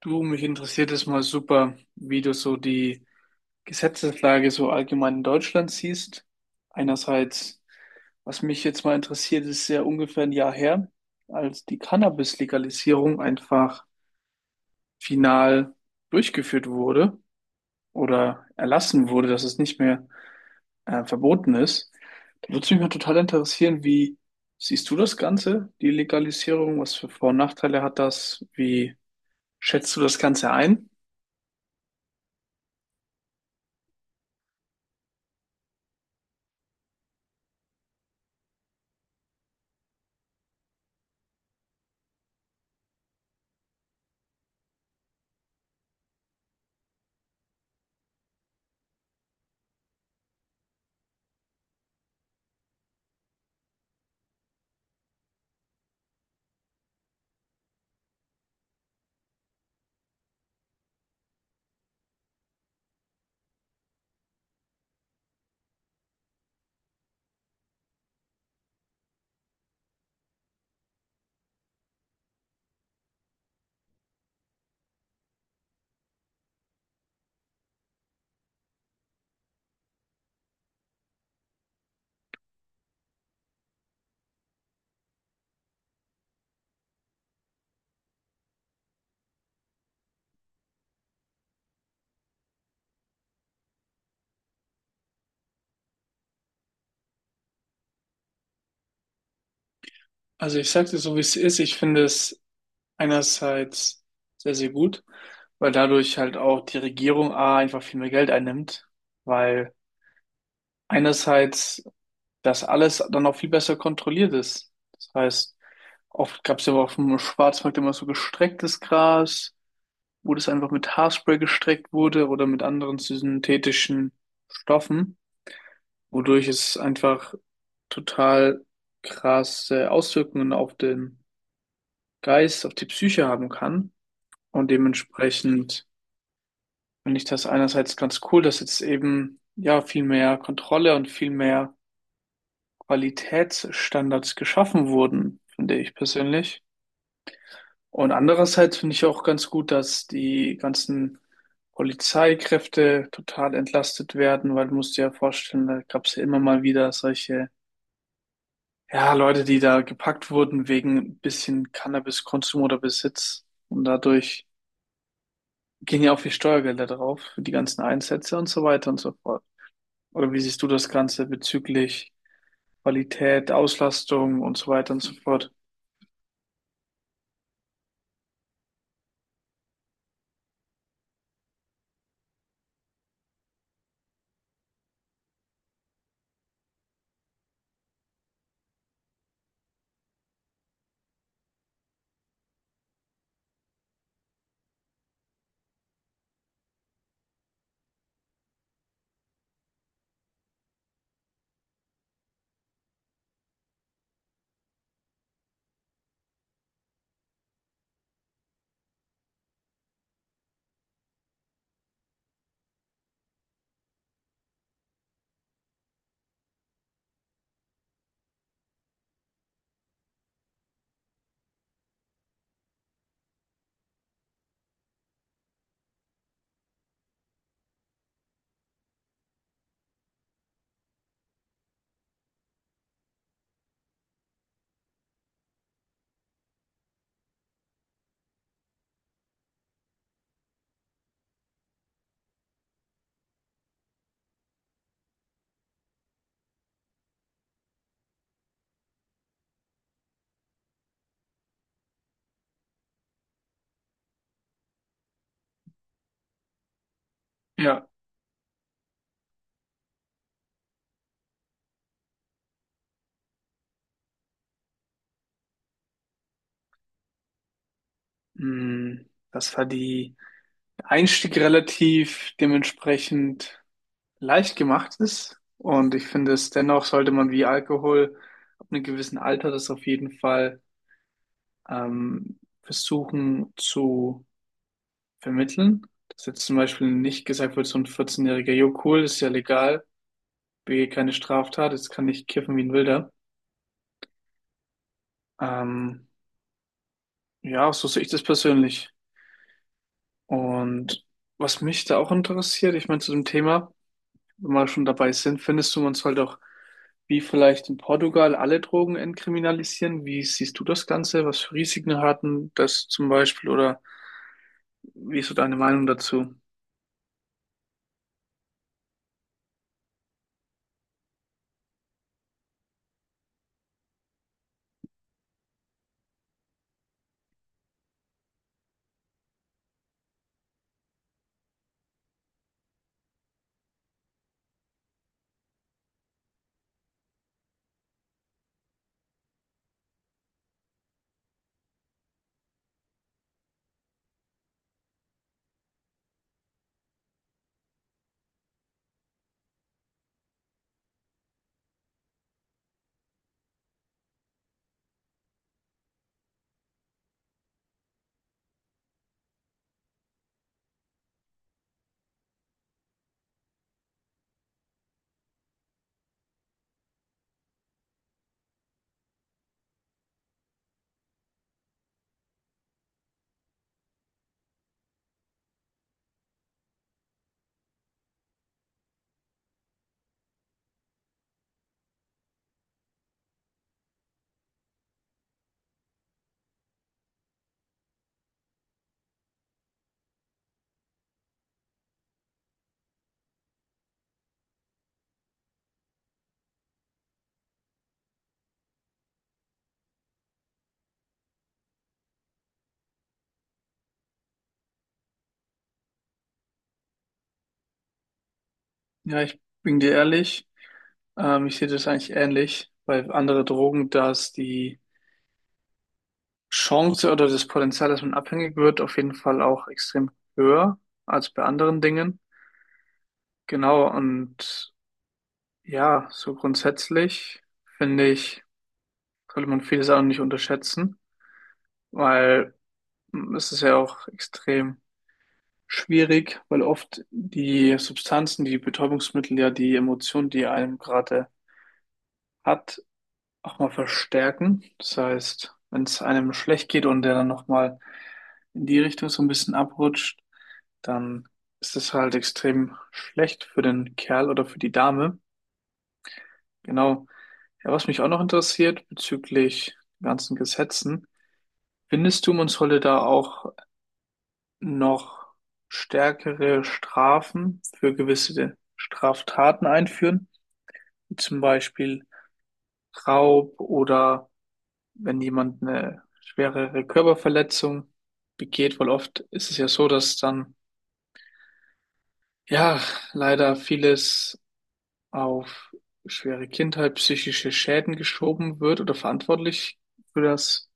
Du, mich interessiert es mal super, wie du so die Gesetzeslage so allgemein in Deutschland siehst. Einerseits, was mich jetzt mal interessiert, ist ja ungefähr ein Jahr her, als die Cannabis-Legalisierung einfach final durchgeführt wurde oder erlassen wurde, dass es nicht mehr verboten ist. Da würde mich mal total interessieren, wie siehst du das Ganze, die Legalisierung? Was für Vor- und Nachteile hat das? Wie schätzt du das Ganze ein? Also ich sage dir so, wie es ist. Ich finde es einerseits sehr, sehr gut, weil dadurch halt auch die Regierung A einfach viel mehr Geld einnimmt, weil einerseits das alles dann auch viel besser kontrolliert ist. Das heißt, oft gab es ja auf dem Schwarzmarkt immer so gestrecktes Gras, wo das einfach mit Haarspray gestreckt wurde oder mit anderen synthetischen Stoffen, wodurch es einfach total krasse Auswirkungen auf den Geist, auf die Psyche haben kann. Und dementsprechend finde ich das einerseits ganz cool, dass jetzt eben ja viel mehr Kontrolle und viel mehr Qualitätsstandards geschaffen wurden, finde ich persönlich. Und andererseits finde ich auch ganz gut, dass die ganzen Polizeikräfte total entlastet werden, weil du musst dir ja vorstellen, da gab es ja immer mal wieder solche, ja, Leute, die da gepackt wurden wegen ein bisschen Cannabiskonsum oder Besitz. Und dadurch gehen ja auch viel Steuergelder drauf für die ganzen Einsätze und so weiter und so fort. Oder wie siehst du das Ganze bezüglich Qualität, Auslastung und so weiter und so fort? Ja. Hm, dass halt die der Einstieg relativ dementsprechend leicht gemacht ist. Und ich finde, es dennoch sollte man wie Alkohol ab einem gewissen Alter das auf jeden Fall versuchen zu vermitteln. Dass jetzt zum Beispiel nicht gesagt wird, so ein 14-jähriger, jo cool, ist ja legal, B, keine Straftat, jetzt kann ich kiffen wie ein Wilder. Ähm, ja, so sehe ich das persönlich. Und was mich da auch interessiert, ich meine, zu dem Thema, wenn wir schon dabei sind, findest du, man sollte auch, wie vielleicht in Portugal, alle Drogen entkriminalisieren? Wie siehst du das Ganze? Was für Risiken hatten das zum Beispiel? Oder wie ist so deine Meinung dazu? Ja, ich bin dir ehrlich, ich sehe das eigentlich ähnlich, weil andere Drogen, dass die Chance oder das Potenzial, dass man abhängig wird, auf jeden Fall auch extrem höher als bei anderen Dingen. Genau, und ja, so grundsätzlich finde ich, sollte man viele Sachen nicht unterschätzen, weil es ist ja auch extrem schwierig, weil oft die Substanzen, die Betäubungsmittel ja die Emotion, die einem gerade hat, auch mal verstärken. Das heißt, wenn es einem schlecht geht und der dann nochmal in die Richtung so ein bisschen abrutscht, dann ist das halt extrem schlecht für den Kerl oder für die Dame. Genau. Ja, was mich auch noch interessiert bezüglich den ganzen Gesetzen, findest du, man sollte da auch noch stärkere Strafen für gewisse Straftaten einführen, wie zum Beispiel Raub oder wenn jemand eine schwerere Körperverletzung begeht, weil oft ist es ja so, dass dann ja leider vieles auf schwere Kindheit, psychische Schäden geschoben wird oder verantwortlich für das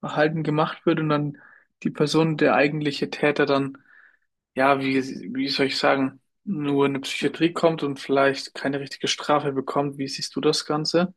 Verhalten gemacht wird und dann die Person, der eigentliche Täter, dann ja, wie, wie soll ich sagen, nur in eine Psychiatrie kommt und vielleicht keine richtige Strafe bekommt. Wie siehst du das Ganze?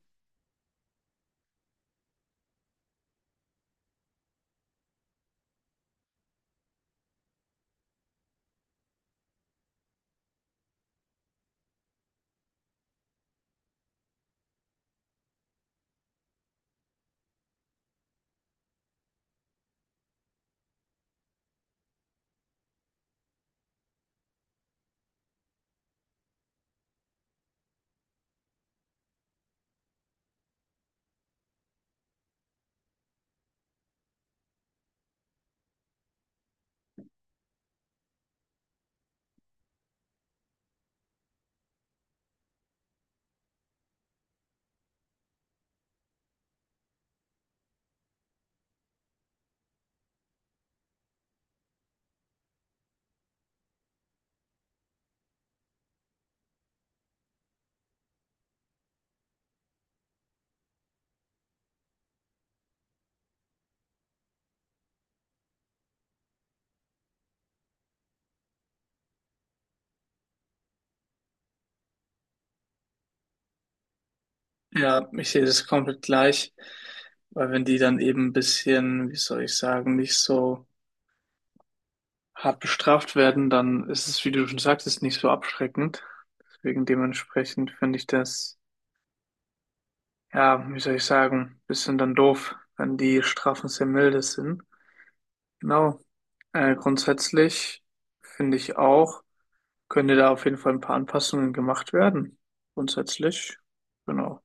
Ja, ich sehe das komplett gleich, weil wenn die dann eben ein bisschen, wie soll ich sagen, nicht so hart bestraft werden, dann ist es, wie du schon sagtest, nicht so abschreckend. Deswegen dementsprechend finde ich das, ja, wie soll ich sagen, bisschen dann doof, wenn die Strafen sehr milde sind. Genau. Grundsätzlich finde ich auch, könnte da auf jeden Fall ein paar Anpassungen gemacht werden. Grundsätzlich, genau.